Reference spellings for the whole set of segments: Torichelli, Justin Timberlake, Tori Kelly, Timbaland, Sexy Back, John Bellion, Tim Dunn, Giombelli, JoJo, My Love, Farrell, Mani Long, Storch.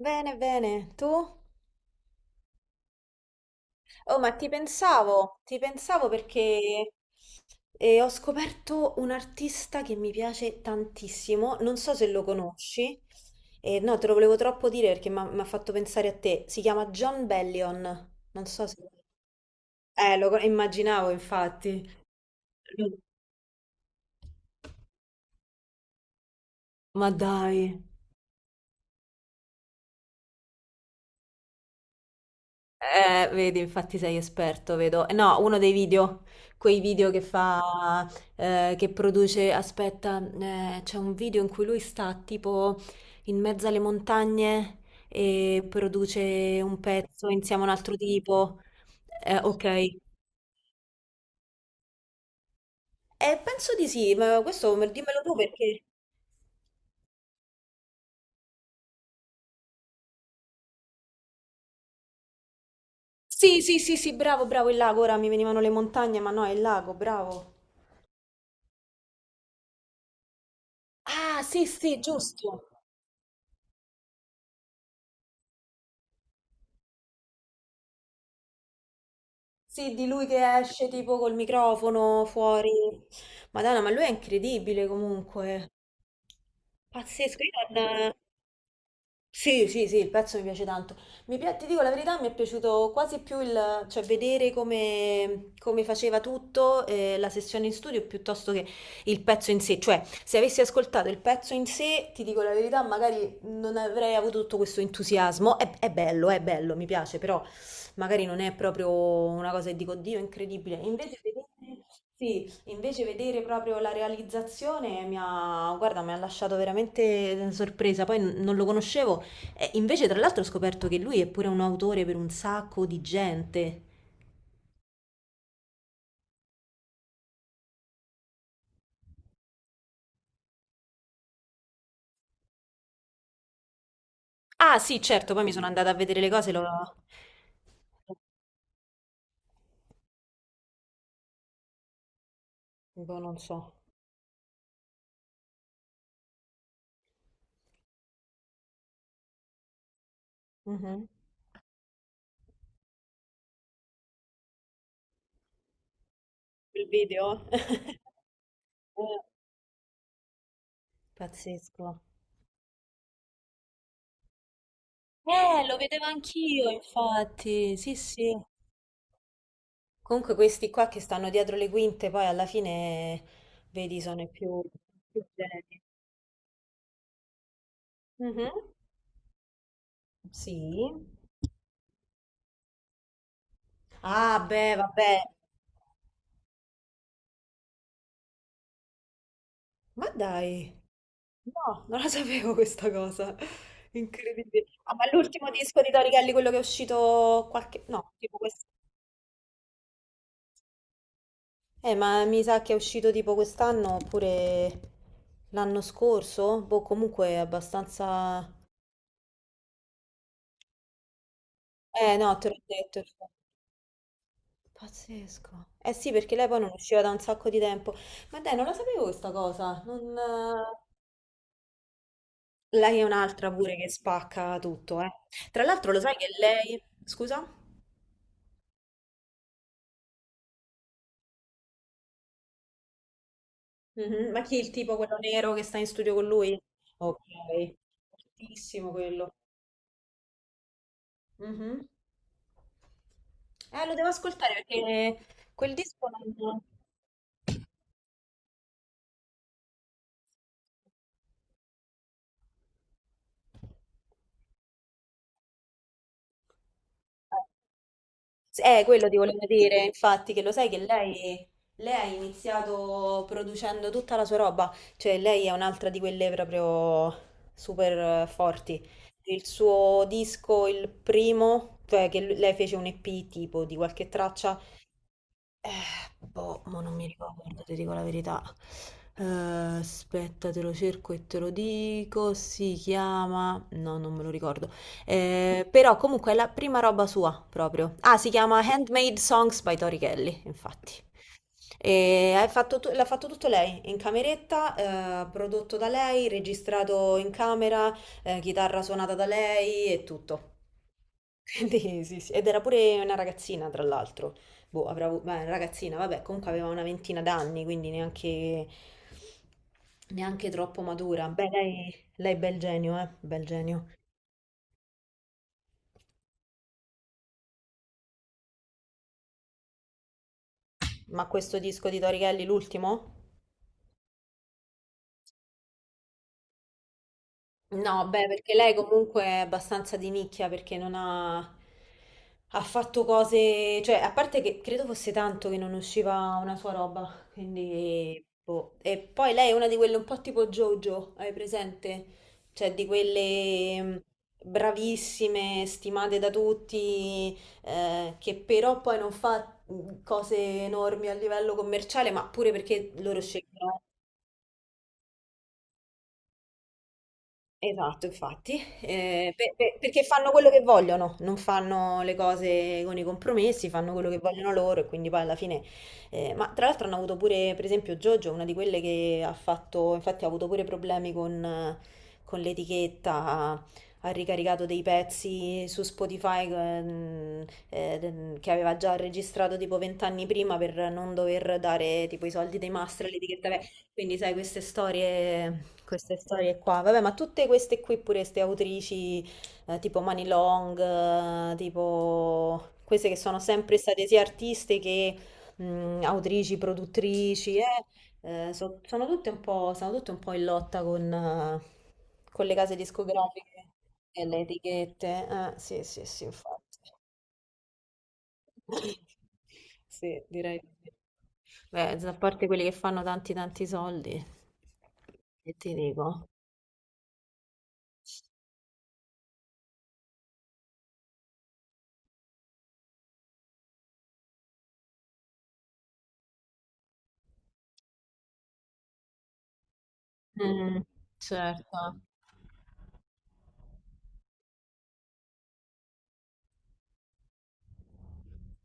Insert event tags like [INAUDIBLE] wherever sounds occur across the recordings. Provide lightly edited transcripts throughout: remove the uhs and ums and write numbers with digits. Bene, bene, tu? Oh, ma ti pensavo perché ho scoperto un artista che mi piace tantissimo, non so se lo conosci. No, te lo volevo troppo dire perché mi ha fatto pensare a te, si chiama John Bellion, non so se... immaginavo infatti. Ma dai. Vedi, infatti sei esperto, vedo. No, uno dei video, quei video che fa, che produce, aspetta, c'è un video in cui lui sta tipo in mezzo alle montagne e produce un pezzo insieme a un altro tipo. Ok. Penso di sì, ma questo dimmelo tu perché... Sì, sì, sì, sì, bravo, bravo, il lago, ora mi venivano le montagne, ma no, è il lago, bravo. Ah, sì, sì, giusto. Sì, di lui che esce tipo col microfono fuori. Madonna, ma lui è incredibile comunque. Pazzesco, io non... Sì, sì, sì, il pezzo mi piace tanto. Ti dico la verità, mi è piaciuto quasi più il, cioè, vedere come faceva tutto, la sessione in studio, piuttosto che il pezzo in sé. Cioè, se avessi ascoltato il pezzo in sé, ti dico la verità, magari non avrei avuto tutto questo entusiasmo. È bello, è bello, mi piace, però magari non è proprio una cosa che dico, Dio, è incredibile. E invece vedere, sì, invece vedere proprio la realizzazione mi ha, guarda, mi ha lasciato veramente sorpresa. Poi non lo conoscevo. E invece, tra l'altro, ho scoperto che lui è pure un autore per un sacco di gente. Ah, sì, certo, poi mi sono andata a vedere le cose, lo... boh, non so. Mhm. Il video? [LAUGHS] Eh, Pazzesco. Lo vedevo anch'io, infatti. Sì, sì. Comunque questi qua che stanno dietro le quinte, poi alla fine, vedi, sono i più geni. Mhm. Sì. Ah, beh, vabbè. Ma dai, no, non la sapevo questa cosa. Incredibile. Ah, ma l'ultimo disco di Tori Kelly, quello che è uscito qualche... No, tipo questo. Ma mi sa che è uscito tipo quest'anno oppure l'anno scorso? Boh, comunque è abbastanza... no, te l'ho detto. Pazzesco. Eh sì, perché lei poi non usciva da un sacco di tempo. Ma dai, non la sapevo questa cosa. Non... lei è un'altra pure che spacca tutto, eh. Tra l'altro lo sai che lei... Scusa? Mhm. Ma chi è il tipo quello nero che sta in studio con lui? Ok. Fortissimo quello. Mhm. Lo devo ascoltare perché quel disco non... Quello ti volevo dire, infatti, che lo sai che lei ha iniziato producendo tutta la sua roba, cioè lei è un'altra di quelle proprio super forti. Il suo disco, il primo, cioè che lei fece un EP tipo di qualche traccia, eh, boh, mo non mi ricordo, ti dico la verità. Aspetta, te lo cerco e te lo dico. Si chiama... No, non me lo ricordo. Però comunque è la prima roba sua, proprio. Ah, si chiama Handmade Songs by Tori Kelly, infatti. E l'ha fatto tutto lei, in cameretta, prodotto da lei, registrato in camera, chitarra suonata da lei e tutto. [LAUGHS] Quindi sì, sì. Ed era pure una ragazzina, tra l'altro boh, avrà avuto, beh, ragazzina, vabbè, comunque aveva una ventina d'anni, quindi neanche, neanche troppo matura. Beh, lei bel genio, bel genio. Ma questo disco di Tori Kelly, l'ultimo? No, beh, perché lei comunque è abbastanza di nicchia perché non ha, ha fatto cose, cioè, a parte che credo fosse tanto che non usciva una sua roba, quindi boh. E poi lei è una di quelle un po' tipo JoJo, hai presente? Cioè, di quelle bravissime, stimate da tutti, che però poi non fa cose enormi a livello commerciale, ma pure perché loro scelgono. Esatto, infatti, perché fanno quello che vogliono, non fanno le cose con i compromessi, fanno quello che vogliono loro e quindi poi alla fine... ma tra l'altro hanno avuto pure, per esempio, Jojo, una di quelle che ha fatto, infatti ha avuto pure problemi con l'etichetta, ha ricaricato dei pezzi su Spotify che aveva già registrato tipo vent'anni prima per non dover dare tipo i soldi dei master all'etichetta. Beh, quindi sai, queste storie... Queste storie qua, vabbè, ma tutte queste qui pure, queste autrici tipo Mani Long, tipo queste che sono sempre state sia artiste che autrici, produttrici, sono tutte un po' in lotta con le case discografiche e le etichette. Sì, sì, sì, infatti. [LAUGHS] Sì, direi di sì. Beh, a parte quelli che fanno tanti tanti soldi, e ti dico. Mh, certo.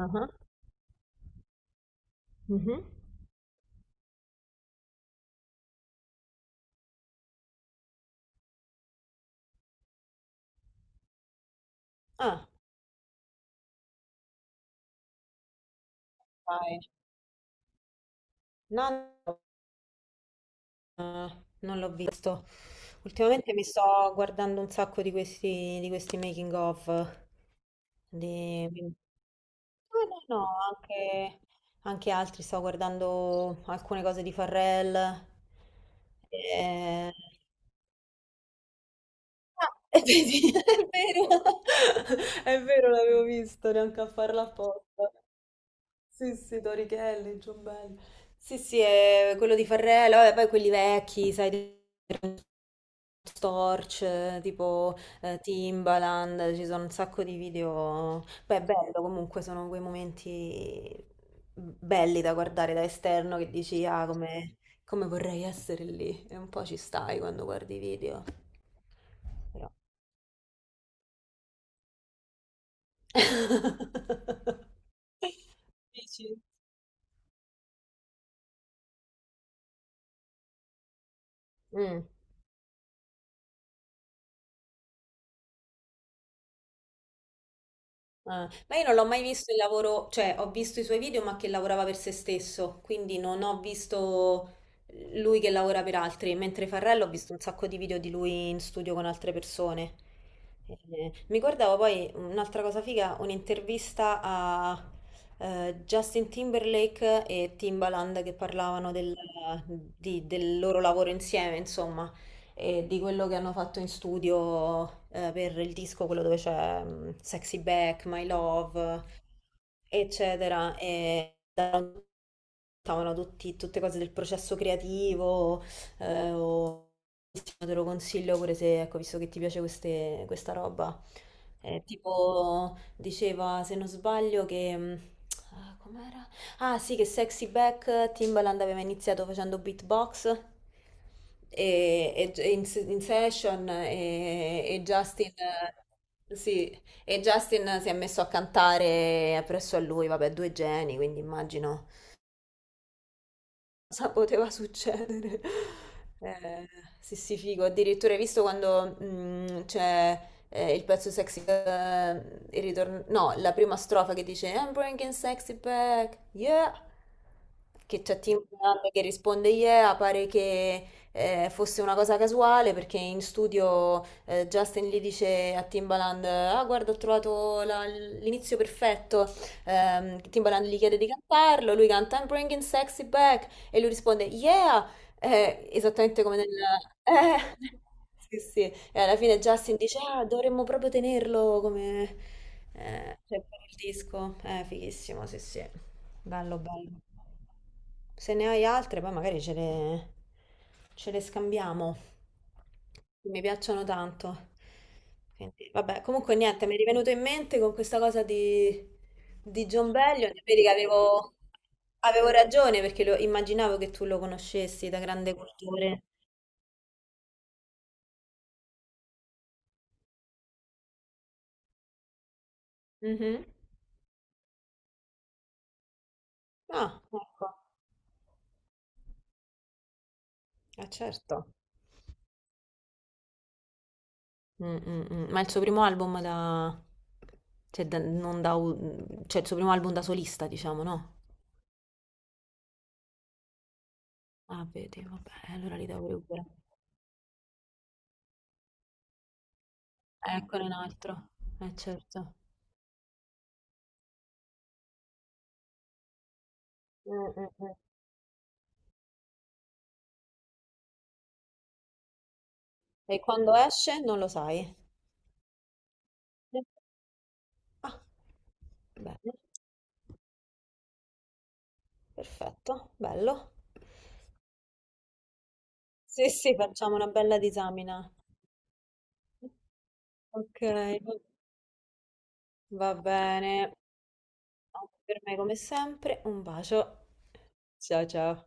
Ah-ah. Mh-mh. Ah, dai. No, no, non l'ho visto. Ultimamente mi sto guardando un sacco di questi making of di no, no, no, anche anche altri. Stavo guardando alcune cose di Farrell. Ehm ah, [LAUGHS] e vedi, è vero, [LAUGHS] è vero, l'avevo visto, neanche a farlo apposta. Sì, sì, Torichelli, Giombelli. Sì, sì, è quello di Farrell, vabbè, poi quelli vecchi, sai, di Storch, tipo Timbaland, ci sono un sacco di video. Beh, è bello comunque, sono quei momenti belli da guardare da esterno che dici, ah, come, vorrei essere lì. E un po' ci stai quando guardi i video. Però... [LAUGHS] Dici? Mm. Ah, ma io non l'ho mai visto il lavoro, cioè ho visto i suoi video ma che lavorava per se stesso, quindi non ho visto lui che lavora per altri, mentre Farrello ho visto un sacco di video di lui in studio con altre persone. Mi guardavo poi un'altra cosa figa, un'intervista a Justin Timberlake e Timbaland che parlavano del loro lavoro insieme, insomma e di quello che hanno fatto in studio per il disco, quello dove c'è Sexy Back, My Love, eccetera. E davano tutte cose del processo creativo, o bellissimo, te lo consiglio pure se, ecco, visto che ti piace questa roba. Tipo, diceva, se non sbaglio, che... ah, com'era? Ah, sì, che Sexy Back Timbaland aveva iniziato facendo beatbox e in, se- in session e Justin... Sì, e Justin si è messo a cantare presso a lui, vabbè, due geni, quindi immagino cosa poteva succedere? [LAUGHS] Eh, sì, sì, figo. Addirittura hai visto quando c'è il pezzo sexy, il ritorno, no, la prima strofa che dice I'm bringing sexy back, yeah. Che c'è Tim Dunn che risponde yeah, pare che fosse una cosa casuale perché in studio Justin gli dice a Timbaland, ah guarda ho trovato l'inizio perfetto. Timbaland gli chiede di cantarlo, lui canta I'm bringing sexy back e lui risponde, yeah, esattamente come nel... eh, [LAUGHS] sì, sì. E alla fine Justin dice, ah, dovremmo proprio tenerlo come... cioè, per il disco. Fighissimo, sì, sì. Bello, bello. Se ne hai altre, poi magari ce le scambiamo. Mi piacciono tanto. Quindi, vabbè, comunque niente, mi è rivenuto in mente con questa cosa di John Bellion, vedi che avevo ragione perché immaginavo che tu lo conoscessi da grande cultore. Mhm. Ah, ecco. Eh certo. Mm, mm, mm. Ma il suo primo album da... Cioè, non da... cioè, il suo primo album da solista, diciamo, no? Ah, vedi, vabbè, allora li devo recuperare. Eccone un altro. Eh certo. Mm, mm, mm. E quando esce non lo sai? Ah, bene. Perfetto, bello. Sì, sì, facciamo una bella disamina. Ok, va bene. Anche per me, come sempre, un bacio. Ciao, ciao.